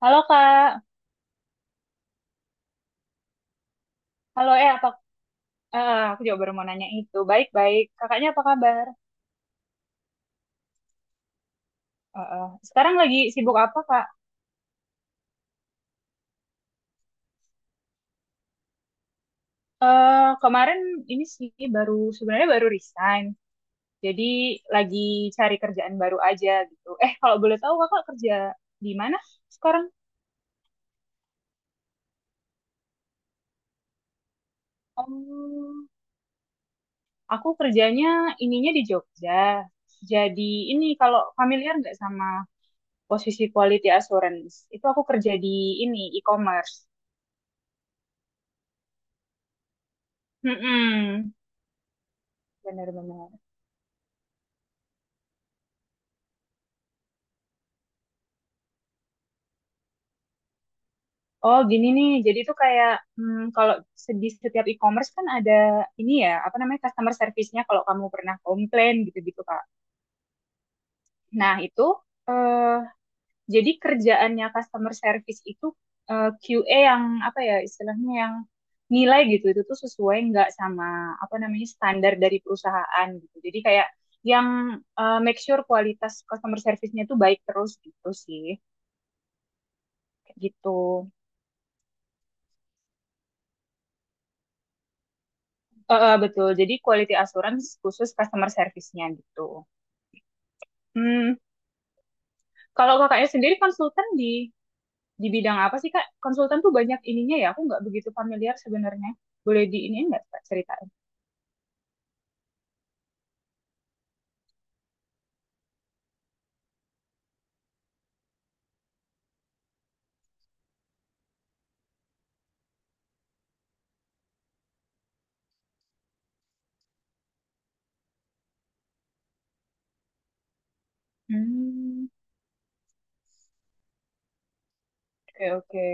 Halo Kak, halo apa? Aku juga baru mau nanya itu. Baik-baik, kakaknya apa kabar? Eh, eh, Sekarang lagi sibuk apa Kak? Eh kemarin ini sih baru sebenarnya baru resign, jadi lagi cari kerjaan baru aja gitu. Kalau boleh tahu kakak kerja di mana sekarang? Oh, aku kerjanya ininya di Jogja. Jadi ini kalau familiar nggak sama posisi quality assurance, itu aku kerja di ini e-commerce. Hmm, benar-benar. Oh, gini nih. Jadi tuh kayak kalau di setiap e-commerce kan ada ini ya, apa namanya customer service-nya kalau kamu pernah komplain gitu-gitu, Kak. Nah, itu eh, jadi kerjaannya customer service itu QA yang apa ya istilahnya yang nilai gitu itu tuh sesuai nggak sama apa namanya standar dari perusahaan gitu. Jadi kayak yang make sure kualitas customer service-nya tuh baik terus gitu sih. Kayak gitu. Betul. Jadi quality assurance khusus customer service-nya gitu. Hmm, kalau kakaknya sendiri konsultan di bidang apa sih Kak? Konsultan tuh banyak ininya ya. Aku nggak begitu familiar sebenarnya. Boleh di ini nggak Kak, ceritain? Hmm, oke oke.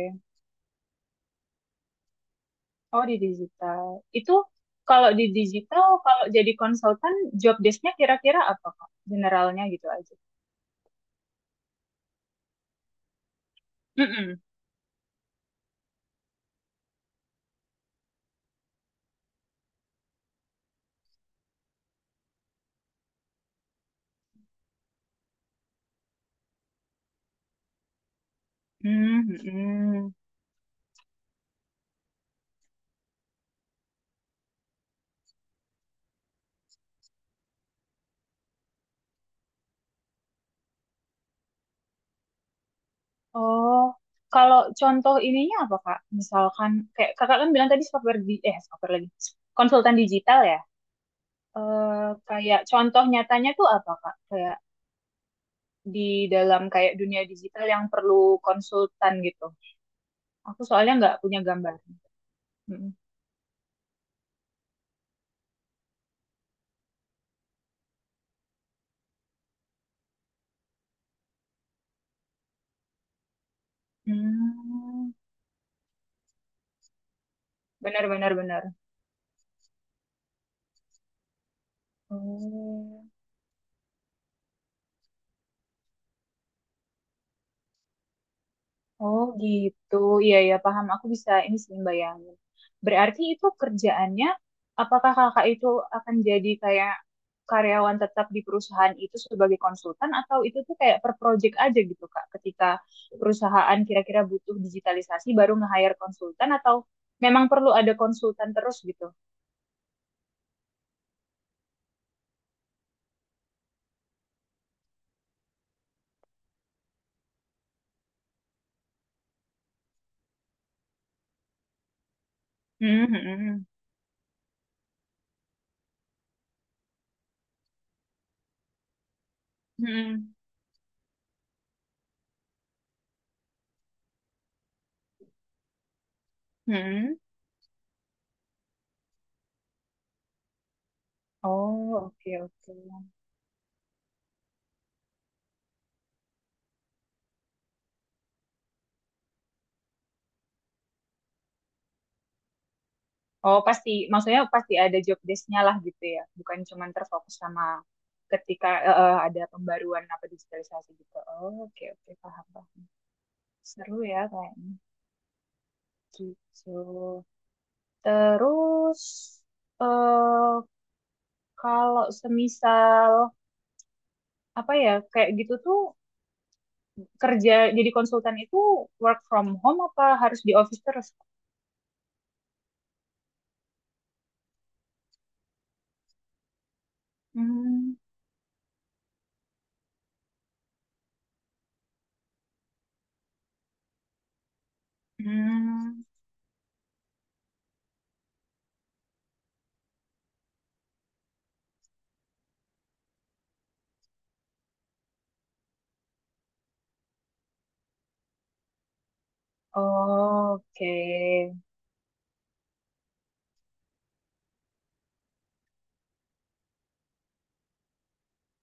Oh di digital. Itu kalau di digital, kalau jadi konsultan, job desk-nya kira-kira apa Kak? Generalnya gitu aja. Mm-mm. Hmm, mm-mm. Oh, kalau contoh ininya apa Kak? Misalkan kayak Kakak kan bilang tadi software di eh software lagi. Konsultan digital ya. Kayak contoh nyatanya tuh apa Kak? Kayak di dalam kayak dunia digital yang perlu konsultan gitu. Aku soalnya nggak punya gambar. Mm. Hmm. Benar benar benar. Oh. Oh gitu, iya ya paham. Aku bisa ini sih bayangin. Berarti itu kerjaannya, apakah kakak itu akan jadi kayak karyawan tetap di perusahaan itu sebagai konsultan atau itu tuh kayak per project aja gitu kak? Ketika perusahaan kira-kira butuh digitalisasi baru nge-hire konsultan atau memang perlu ada konsultan terus gitu? Hmm, hmm, hmm, hmm, hmm. Oh oke oke. Oh, pasti. Maksudnya pasti ada job desk-nya lah gitu ya. Bukan cuma terfokus sama ketika ada pembaruan apa digitalisasi gitu. Oh, oke, oke. Paham, paham. Seru ya kayaknya. Gitu. Terus, eh kalau semisal, apa ya, kayak gitu tuh kerja jadi konsultan itu work from home apa harus di office terus? Hmm, hmm. Oh, oke.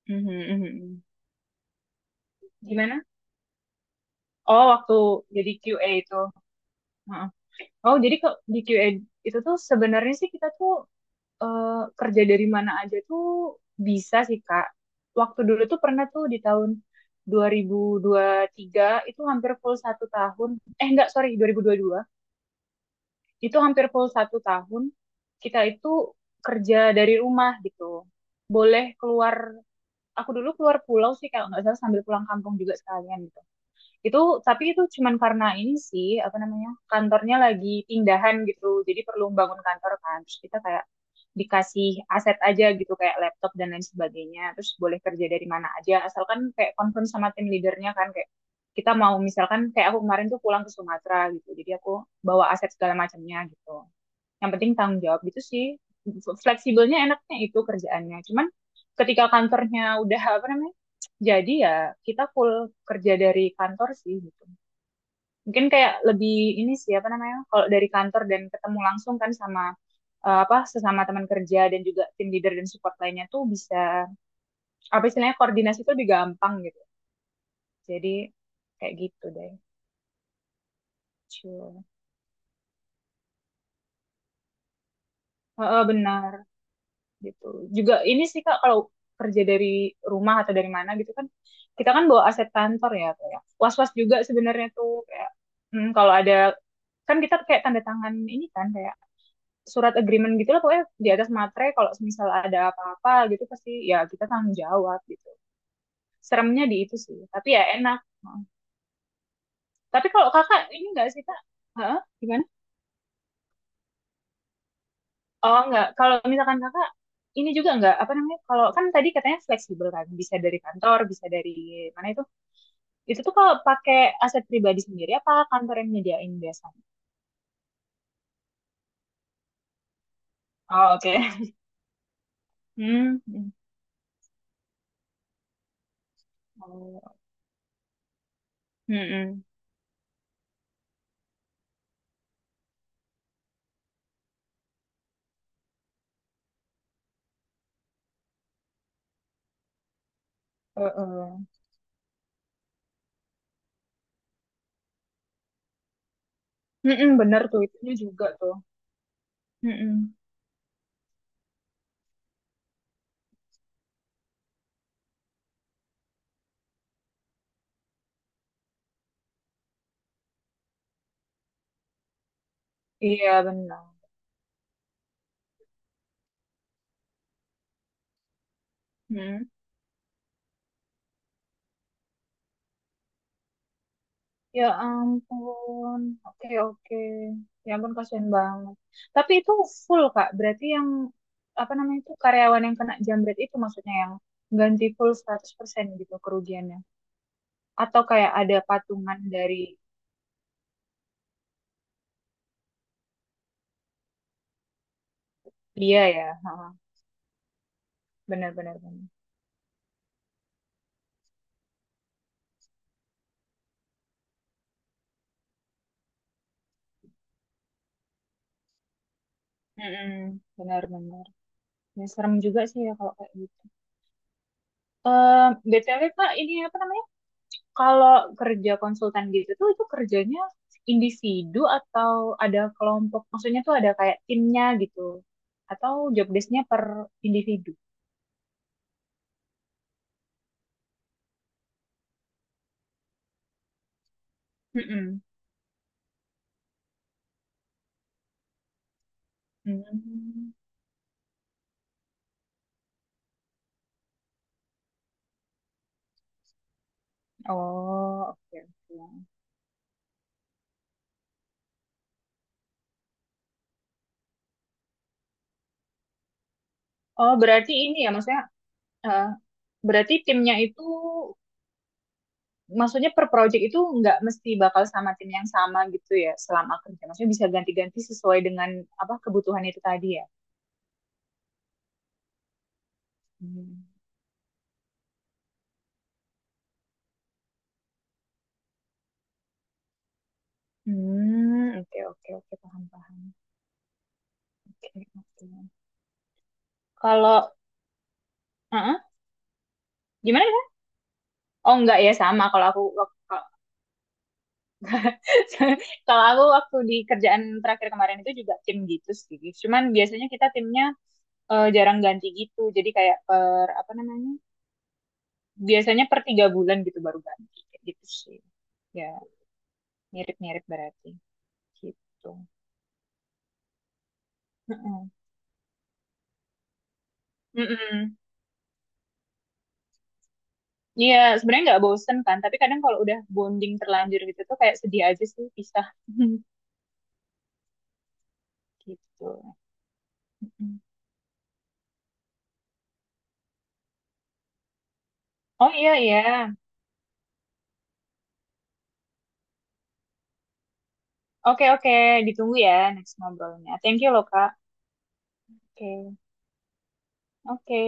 Mhm, mhm, mhm. Gimana? Oh, waktu jadi QA itu. Heeh. Oh, jadi di QA itu tuh sebenarnya sih kita tuh eh, kerja dari mana aja tuh bisa sih, Kak. Waktu dulu tuh pernah tuh di tahun dua ribu dua ribu tiga itu hampir full satu tahun. Enggak, sorry, dua dua ribu dua puluh dua. Itu hampir full satu tahun. Kita itu kerja dari rumah gitu. Boleh keluar, aku dulu keluar pulau sih kalau nggak salah sambil pulang kampung juga sekalian. Itu tapi itu cuman karena ini sih apa namanya? Kantornya lagi pindahan gitu. Jadi perlu bangun kantor kan. Terus kita kayak dikasih aset aja gitu kayak laptop dan lain sebagainya. Terus boleh kerja dari mana aja asalkan kayak confirm sama tim leadernya kan kayak kita mau misalkan kayak aku kemarin tuh pulang ke Sumatera gitu. Jadi aku bawa aset segala macamnya gitu yang penting tanggung jawab gitu sih. Fleksibelnya enaknya itu kerjaannya cuman ketika kantornya udah apa namanya jadi ya kita full kerja dari kantor sih gitu, mungkin kayak lebih ini sih apa namanya kalau dari kantor dan ketemu langsung kan sama apa sesama teman kerja dan juga tim leader dan support lainnya tuh bisa apa istilahnya koordinasi tuh lebih gampang gitu jadi kayak gitu deh. Cul. Heeh, benar gitu. Juga ini sih Kak kalau kerja dari rumah atau dari mana gitu kan kita kan bawa aset kantor ya kayak was-was juga sebenarnya tuh kayak kalau ada kan kita kayak tanda tangan ini kan kayak surat agreement gitu lah pokoknya di atas materai kalau misal ada apa-apa gitu pasti ya kita tanggung jawab gitu. Seremnya di itu sih, tapi ya enak. Hmm. Tapi kalau kakak ini enggak sih kak? Hah? Gimana? Oh enggak, kalau misalkan kakak ini juga enggak apa namanya? Kalau kan tadi katanya fleksibel kan, bisa dari kantor, bisa dari mana itu? Itu tuh kalau pakai aset pribadi sendiri apa kantor yang nyediain biasanya? Oh, oke. Hmm. Oh, hmm. eh, Hmm, bener tuh itu. Eh. Juga tuh. Hmm. Iya, benar. Hmm. Ya ampun. Oke, oke. Ya ampun, kasihan banget. Tapi itu full, Kak. Berarti yang, apa namanya itu, karyawan yang kena jambret itu maksudnya yang ganti full 100% gitu kerugiannya. Atau kayak ada patungan dari dia ya. Ha, benar, benar, benar. Mm-mm, benar-benar. Ya, serem juga sih ya kalau kayak gitu. Eh, BTW Pak, ini apa namanya? Kalau kerja konsultan gitu tuh itu kerjanya individu atau ada kelompok? Maksudnya tuh ada kayak timnya gitu? Atau job desk-nya per individu? Mm-mm. Mm. Oh, oke, oke. Oh, berarti ini ya maksudnya eh, berarti timnya itu maksudnya per project itu nggak mesti bakal sama tim yang sama gitu ya selama kerja. Maksudnya bisa ganti-ganti sesuai dengan apa kebutuhan itu tadi ya. Hmm, hmm, oke oke oke paham paham. Oke oke. Kalau Heeh. Gimana? Ya? Oh enggak ya sama. Kalau aku waktu di kerjaan terakhir kemarin itu juga tim gitu sih. Cuman biasanya kita timnya jarang ganti gitu. Jadi kayak per apa namanya? Biasanya per 3 bulan gitu baru ganti. Kayak gitu sih. Ya mirip-mirip berarti. Gitu. Mm-mm. Mm-mm. Iya, sebenarnya nggak bosen kan, tapi kadang kalau udah bonding terlanjur gitu tuh kayak sedih aja sih pisah gitu. Mm-mm. Oh iya iya. Oke oke, ditunggu ya next ngobrolnya. Thank you loh Kak. Oke oke.